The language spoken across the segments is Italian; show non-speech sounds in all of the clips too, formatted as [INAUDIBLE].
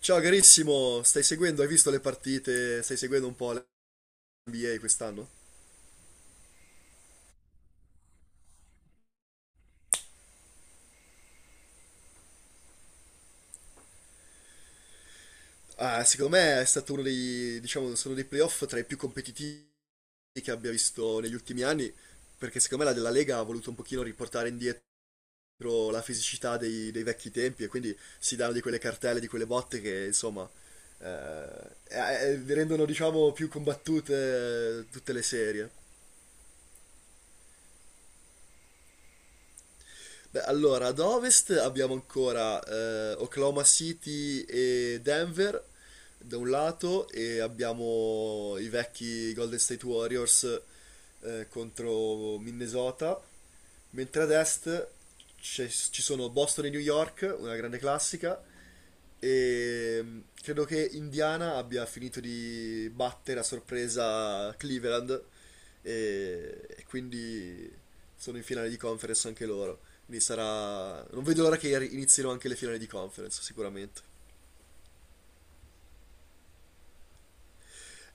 Ciao carissimo, stai seguendo, hai visto le partite, stai seguendo un po' l'NBA quest'anno? Ah, secondo me è stato uno dei, diciamo, sono dei playoff tra i più competitivi che abbia visto negli ultimi anni, perché secondo me la Lega ha voluto un pochino riportare indietro la fisicità dei vecchi tempi e quindi si danno di quelle cartelle, di quelle botte che insomma rendono diciamo più combattute tutte le serie. Beh, allora, ad ovest abbiamo ancora Oklahoma City e Denver, da un lato e abbiamo i vecchi Golden State Warriors contro Minnesota, mentre ad est ci sono Boston e New York, una grande classica, e credo che Indiana abbia finito di battere a sorpresa Cleveland e quindi sono in finale di conference anche loro. Non vedo l'ora che inizino anche le finali di conference, sicuramente.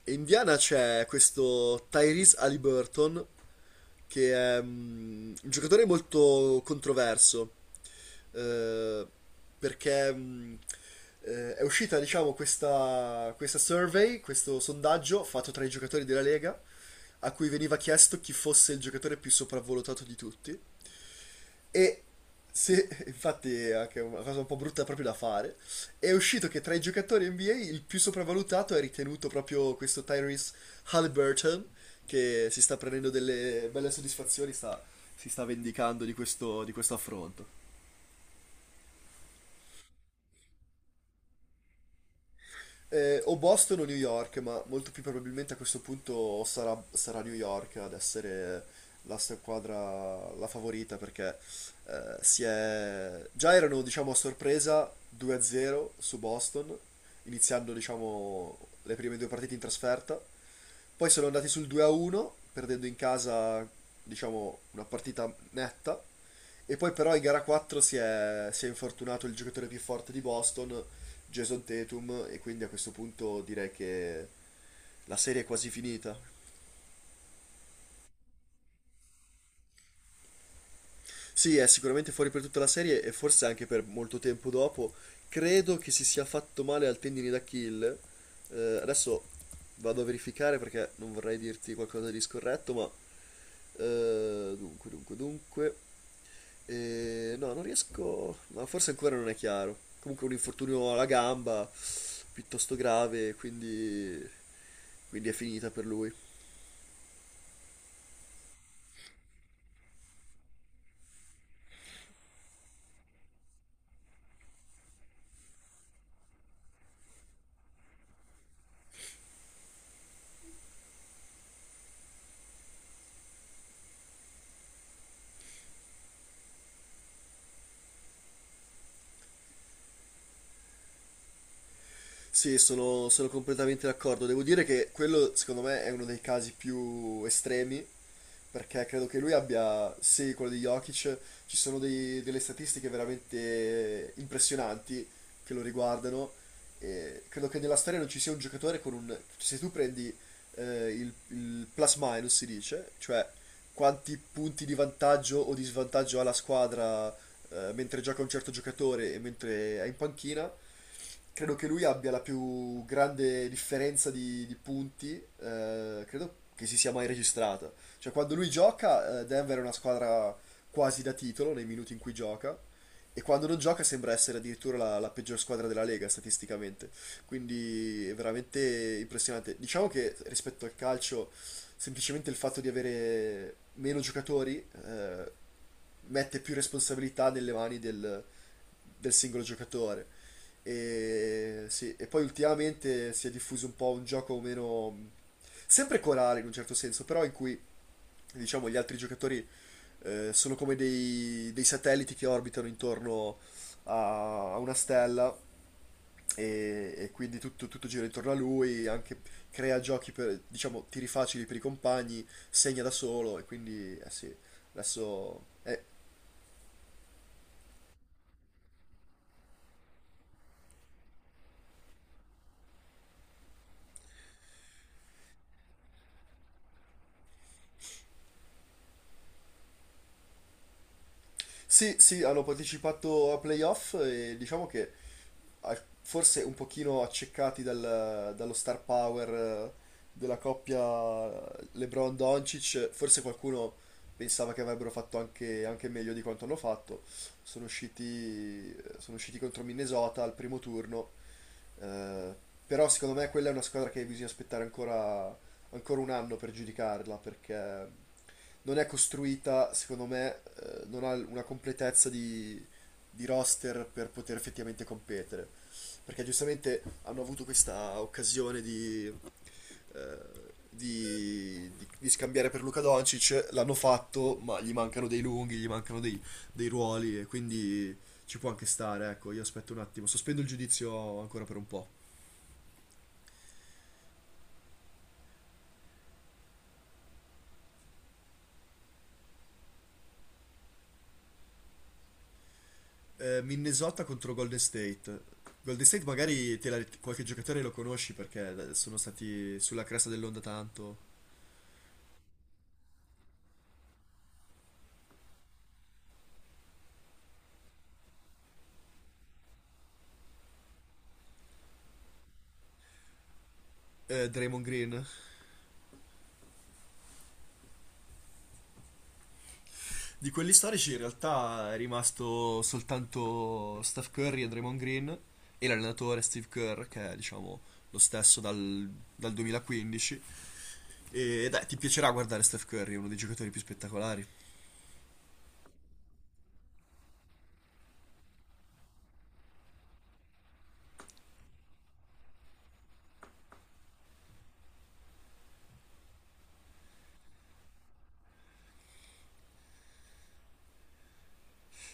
Indiana c'è questo Tyrese Halliburton, che è un giocatore molto controverso, eh, perché è uscita, diciamo, questa survey, questo sondaggio fatto tra i giocatori della Lega, a cui veniva chiesto chi fosse il giocatore più sopravvalutato di tutti. E se, [LAUGHS] Infatti è anche una cosa un po' brutta proprio da fare, è uscito che tra i giocatori NBA il più sopravvalutato è ritenuto proprio questo Tyrese Halliburton, che si sta prendendo delle belle soddisfazioni, si sta vendicando di questo affronto. O Boston o New York, ma molto più probabilmente a questo punto sarà New York ad essere la squadra la favorita perché già erano diciamo a sorpresa 2-0 su Boston, iniziando diciamo le prime due partite in trasferta. Poi sono andati sul 2-1, perdendo in casa, diciamo, una partita netta. E poi però in gara 4 si è infortunato il giocatore più forte di Boston, Jason Tatum, e quindi a questo punto direi che la serie è quasi finita. Sì, è sicuramente fuori per tutta la serie e forse anche per molto tempo dopo. Credo che si sia fatto male al tendine d'Achille. Adesso vado a verificare perché non vorrei dirti qualcosa di scorretto, ma dunque, dunque, dunque. No, non riesco. Ma forse ancora non è chiaro. Comunque un infortunio alla gamba piuttosto grave, quindi è finita per lui. Sì, sono completamente d'accordo. Devo dire che quello, secondo me, è uno dei casi più estremi perché credo che lui abbia, sì, quello di Jokic, ci sono delle statistiche veramente impressionanti che lo riguardano e credo che nella storia non ci sia un giocatore se tu prendi il plus minus si dice, cioè quanti punti di vantaggio o di svantaggio ha la squadra mentre gioca un certo giocatore e mentre è in panchina. Credo che lui abbia la più grande differenza di punti, credo che si sia mai registrata. Cioè, quando lui gioca, Denver è una squadra quasi da titolo nei minuti in cui gioca. E quando non gioca sembra essere addirittura la peggior squadra della Lega statisticamente. Quindi è veramente impressionante. Diciamo che rispetto al calcio, semplicemente il fatto di avere meno giocatori eh, mette più responsabilità nelle mani del singolo giocatore. E, sì, e poi ultimamente si è diffuso un po' un gioco meno sempre corale in un certo senso, però in cui diciamo, gli altri giocatori sono come dei satelliti che orbitano intorno a una stella e quindi tutto gira intorno a lui, anche crea giochi per, diciamo, tiri facili per i compagni, segna da solo e quindi, eh sì, adesso... eh, Sì, sì, hanno partecipato a playoff e diciamo che forse un pochino accecati dallo star power della coppia LeBron-Doncic, forse qualcuno pensava che avrebbero fatto anche meglio di quanto hanno fatto. Sono usciti contro Minnesota al primo turno eh, però secondo me quella è una squadra che bisogna aspettare ancora, ancora un anno per giudicarla perché non è costruita, secondo me, non ha una completezza di roster per poter effettivamente competere. Perché giustamente hanno avuto questa occasione eh, di scambiare per Luka Doncic, l'hanno fatto, ma gli mancano dei lunghi, gli mancano dei ruoli e quindi ci può anche stare, ecco, io aspetto un attimo, sospendo il giudizio ancora per un po'. Minnesota contro Golden State. Golden State magari qualche giocatore lo conosci perché sono stati sulla cresta dell'onda tanto. Draymond Green. Di quelli storici in realtà è rimasto soltanto Steph Curry e Draymond Green e l'allenatore Steve Kerr che è diciamo lo stesso dal 2015. E dai, ti piacerà guardare Steph Curry, è uno dei giocatori più spettacolari.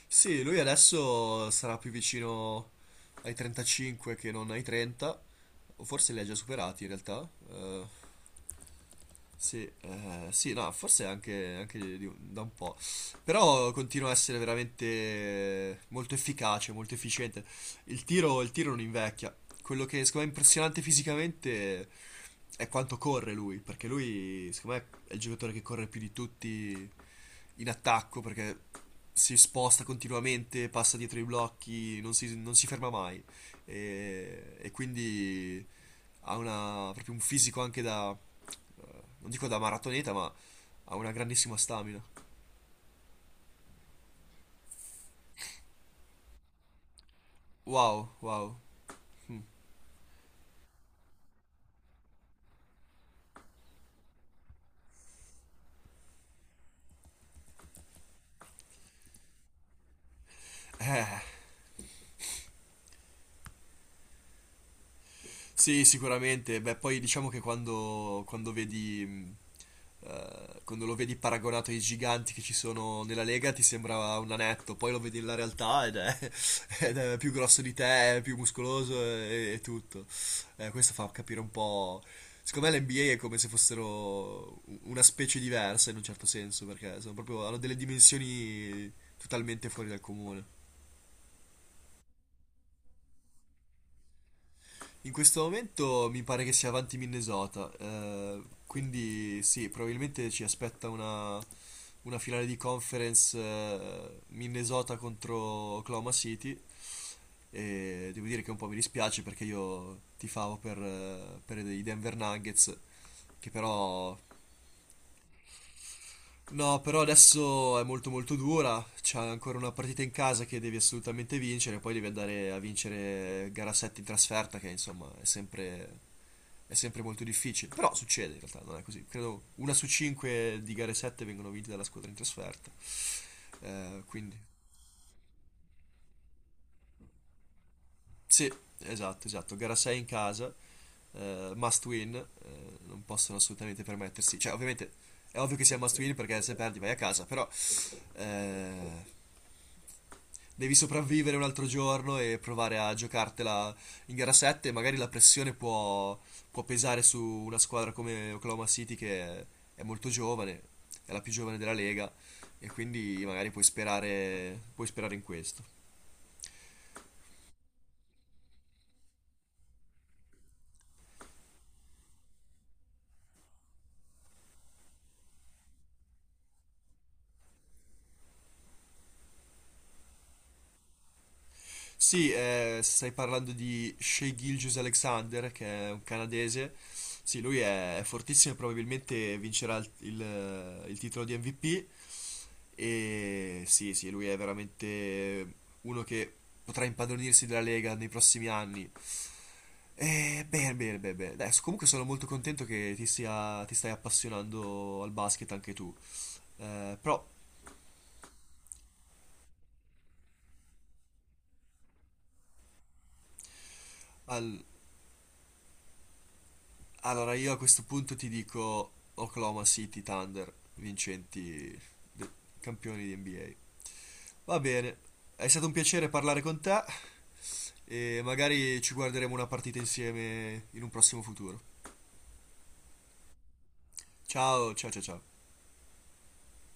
Sì, lui adesso sarà più vicino ai 35 che non ai 30, o forse li ha già superati in realtà. Sì, sì, no, forse anche da un po', però continua a essere veramente molto efficace, molto efficiente. Il tiro non invecchia. Quello che secondo me è impressionante fisicamente è quanto corre lui, perché lui, secondo me, è il giocatore che corre più di tutti in attacco, perché si sposta continuamente, passa dietro i blocchi, non si ferma mai. E quindi ha proprio un fisico anche da eh, non dico da maratoneta, ma ha una grandissima stamina. Wow, wow. Mm. Eh, Sì, sicuramente. Beh, poi diciamo che quando vedi, quando lo vedi paragonato ai giganti che ci sono nella Lega, ti sembra un anetto. Poi lo vedi nella realtà [LAUGHS] ed è più grosso di te, è più muscoloso e tutto. Questo fa capire un po'. Secondo me l'NBA è come se fossero una specie diversa in un certo senso, perché sono proprio, hanno delle dimensioni totalmente fuori dal comune. In questo momento mi pare che sia avanti Minnesota, quindi sì, probabilmente ci aspetta una finale di conference Minnesota contro Oklahoma City e devo dire che un po' mi dispiace perché io tifavo per i Denver Nuggets, che però... No, però adesso è molto molto dura, c'è ancora una partita in casa che devi assolutamente vincere, poi devi andare a vincere gara 7 in trasferta, che insomma è sempre molto difficile. Però succede in realtà, non è così. Credo una su cinque di gare 7 vengono vinte dalla squadra in trasferta. Quindi, sì, esatto, esatto. Gara 6 in casa, must win, non possono assolutamente permettersi. Cioè, ovviamente è ovvio che sia must win perché se perdi vai a casa, però, eh, devi sopravvivere un altro giorno e provare a giocartela in gara 7. Magari la pressione può pesare su una squadra come Oklahoma City che è molto giovane, è la più giovane della Lega e quindi magari puoi sperare in questo. Sì, stai parlando di Shea Gilgeous-Alexander che è un canadese. Sì, lui è fortissimo e probabilmente vincerà il titolo di MVP. E sì, sì, lui è veramente uno che potrà impadronirsi della Lega nei prossimi anni. E bene, bene, bene, bene. Adesso, comunque sono molto contento che ti stai appassionando al basket anche tu. Però, al- allora io a questo punto ti dico Oklahoma City Thunder, vincenti, de- campioni di NBA. Va bene, è stato un piacere parlare con te e magari ci guarderemo una partita insieme in un prossimo futuro. Ciao, ciao, ciao, ciao.